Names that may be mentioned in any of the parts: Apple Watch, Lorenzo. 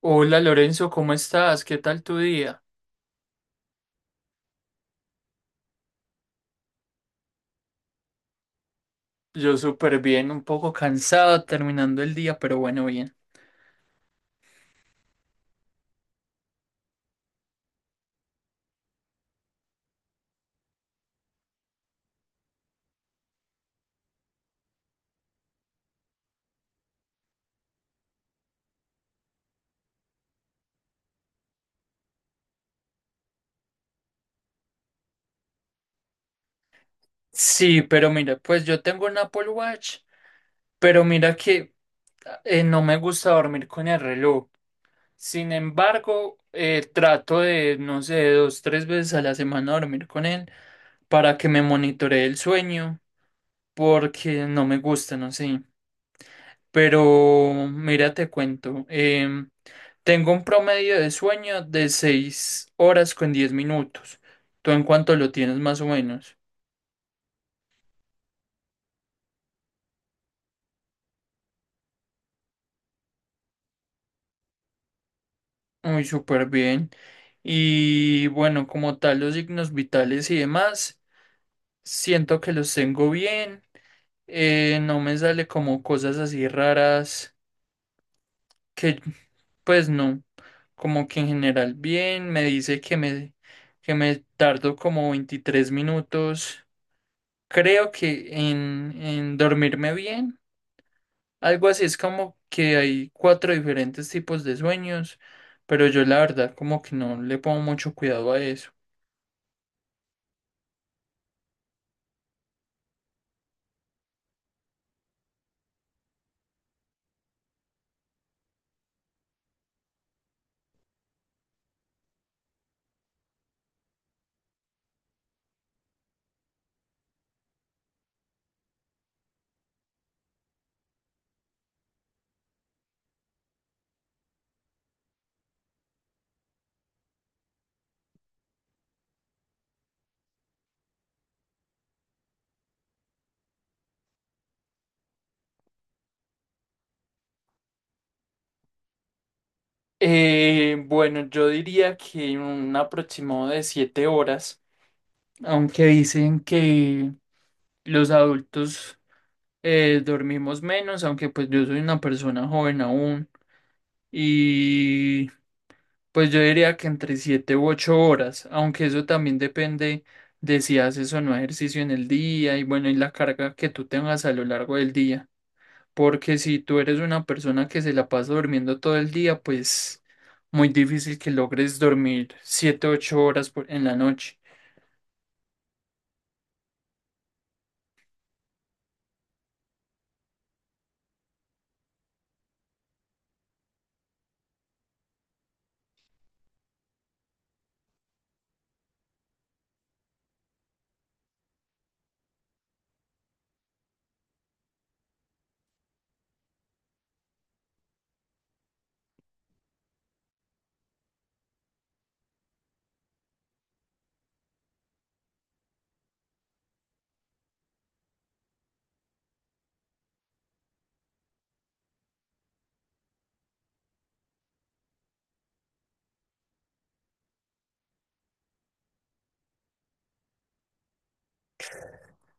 Hola Lorenzo, ¿cómo estás? ¿Qué tal tu día? Yo súper bien, un poco cansado terminando el día, pero bueno, bien. Sí, pero mira, pues yo tengo un Apple Watch, pero mira que no me gusta dormir con el reloj. Sin embargo, trato de, no sé, dos, tres veces a la semana dormir con él para que me monitoree el sueño, porque no me gusta, no sé. Pero mira, te cuento. Tengo un promedio de sueño de 6 horas con 10 minutos. ¿Tú en cuánto lo tienes más o menos? Muy súper bien. Y bueno, como tal, los signos vitales y demás, siento que los tengo bien. No me sale como cosas así raras que, pues no, como que en general bien. Me dice que me, tardo como 23 minutos. Creo que en dormirme bien. Algo así es como que hay cuatro diferentes tipos de sueños, pero yo la verdad como que no le pongo mucho cuidado a eso. Bueno, yo diría que un aproximado de 7 horas, aunque dicen que los adultos dormimos menos, aunque pues yo soy una persona joven aún y pues yo diría que entre 7 u 8 horas, aunque eso también depende de si haces o no ejercicio en el día y bueno, y la carga que tú tengas a lo largo del día. Porque si tú eres una persona que se la pasa durmiendo todo el día, pues muy difícil que logres dormir 7 u 8 horas en la noche.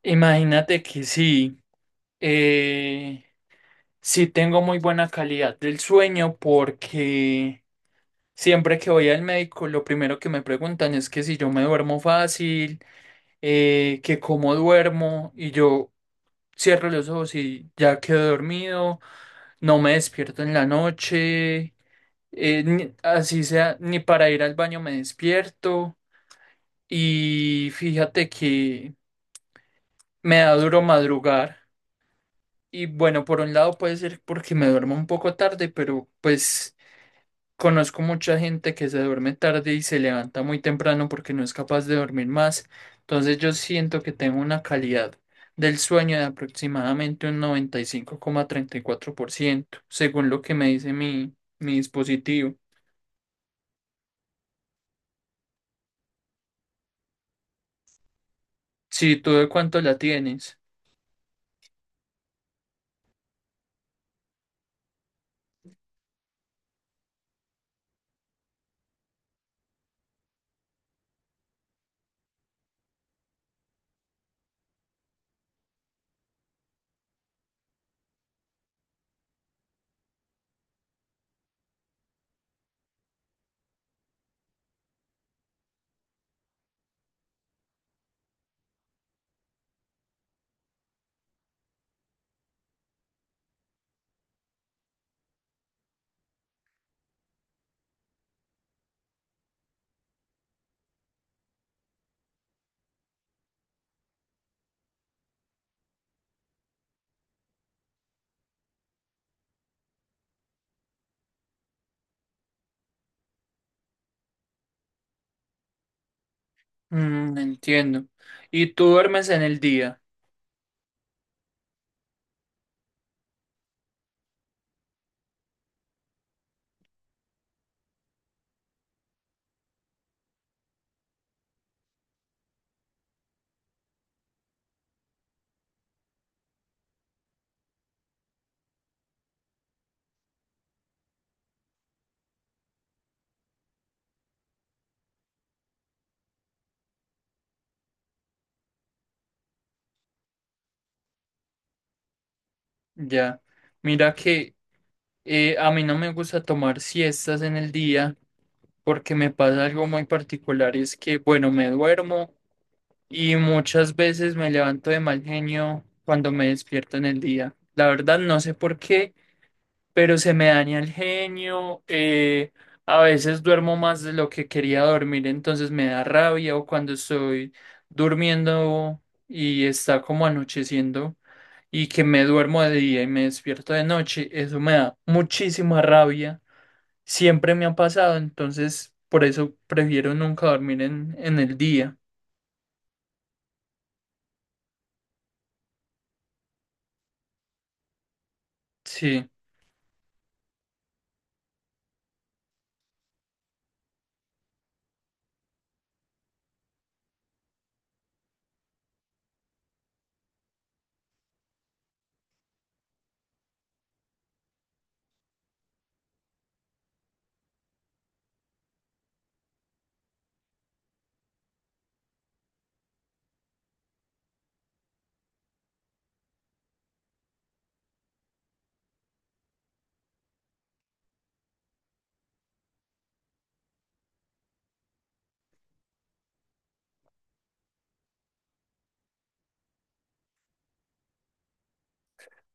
Imagínate que sí, eh, sí tengo muy buena calidad del sueño porque siempre que voy al médico, lo primero que me preguntan es que si yo me duermo fácil que cómo duermo y yo cierro los ojos y ya quedo dormido, no me despierto en la noche, así sea, ni para ir al baño me despierto y fíjate que me da duro madrugar y bueno, por un lado puede ser porque me duermo un poco tarde, pero pues. Conozco mucha gente que se duerme tarde y se levanta muy temprano porque no es capaz de dormir más. Entonces yo siento que tengo una calidad del sueño de aproximadamente un 95,34%, según lo que me dice mi, mi dispositivo. ¿Si tú de cuánto la tienes? Entiendo. ¿Y tú duermes en el día? Ya. Mira que a mí no me gusta tomar siestas en el día porque me pasa algo muy particular y es que, bueno, me duermo y muchas veces me levanto de mal genio cuando me despierto en el día. La verdad no sé por qué, pero se me daña el genio. A veces duermo más de lo que quería dormir, entonces me da rabia o cuando estoy durmiendo y está como anocheciendo y que me duermo de día y me despierto de noche, eso me da muchísima rabia. Siempre me ha pasado, entonces por eso prefiero nunca dormir en, el día. Sí,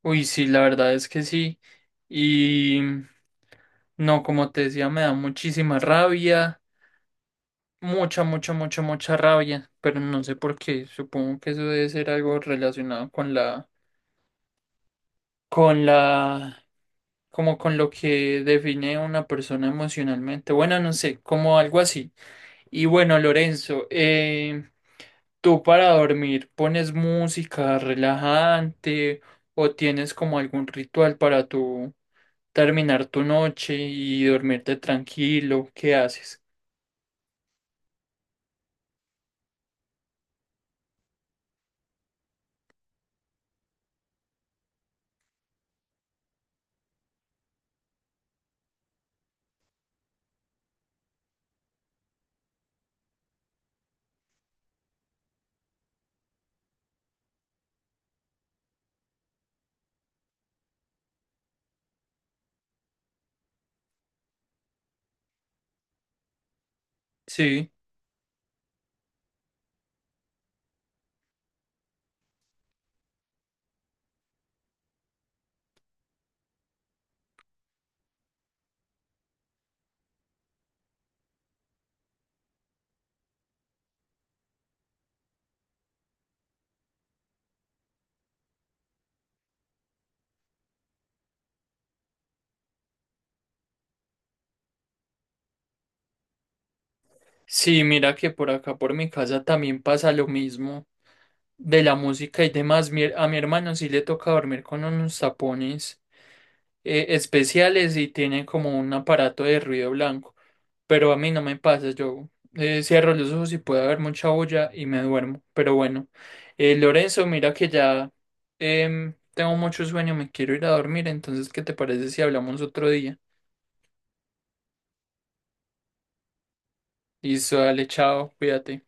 uy, sí, la verdad es que sí. Y no, como te decía, me da muchísima rabia, mucha, mucha, mucha, mucha rabia, pero no sé por qué. Supongo que eso debe ser algo relacionado con la, como con lo que define a una persona emocionalmente. Bueno, no sé, como algo así. Y bueno, Lorenzo, ¿tú para dormir pones música relajante o tienes como algún ritual para tu terminar tu noche y dormirte tranquilo? ¿Qué haces? Sí, sí, mira que por acá por mi casa también pasa lo mismo de la música y demás. A mi hermano sí le toca dormir con unos tapones. Especiales y tienen como un aparato de ruido blanco. Pero a mí no me pasa, yo cierro los ojos y puede haber mucha olla y me duermo. Pero bueno, Lorenzo, mira que ya tengo mucho sueño, me quiero ir a dormir, entonces, ¿qué te parece si hablamos otro día? Listo, dale, chao, cuídate.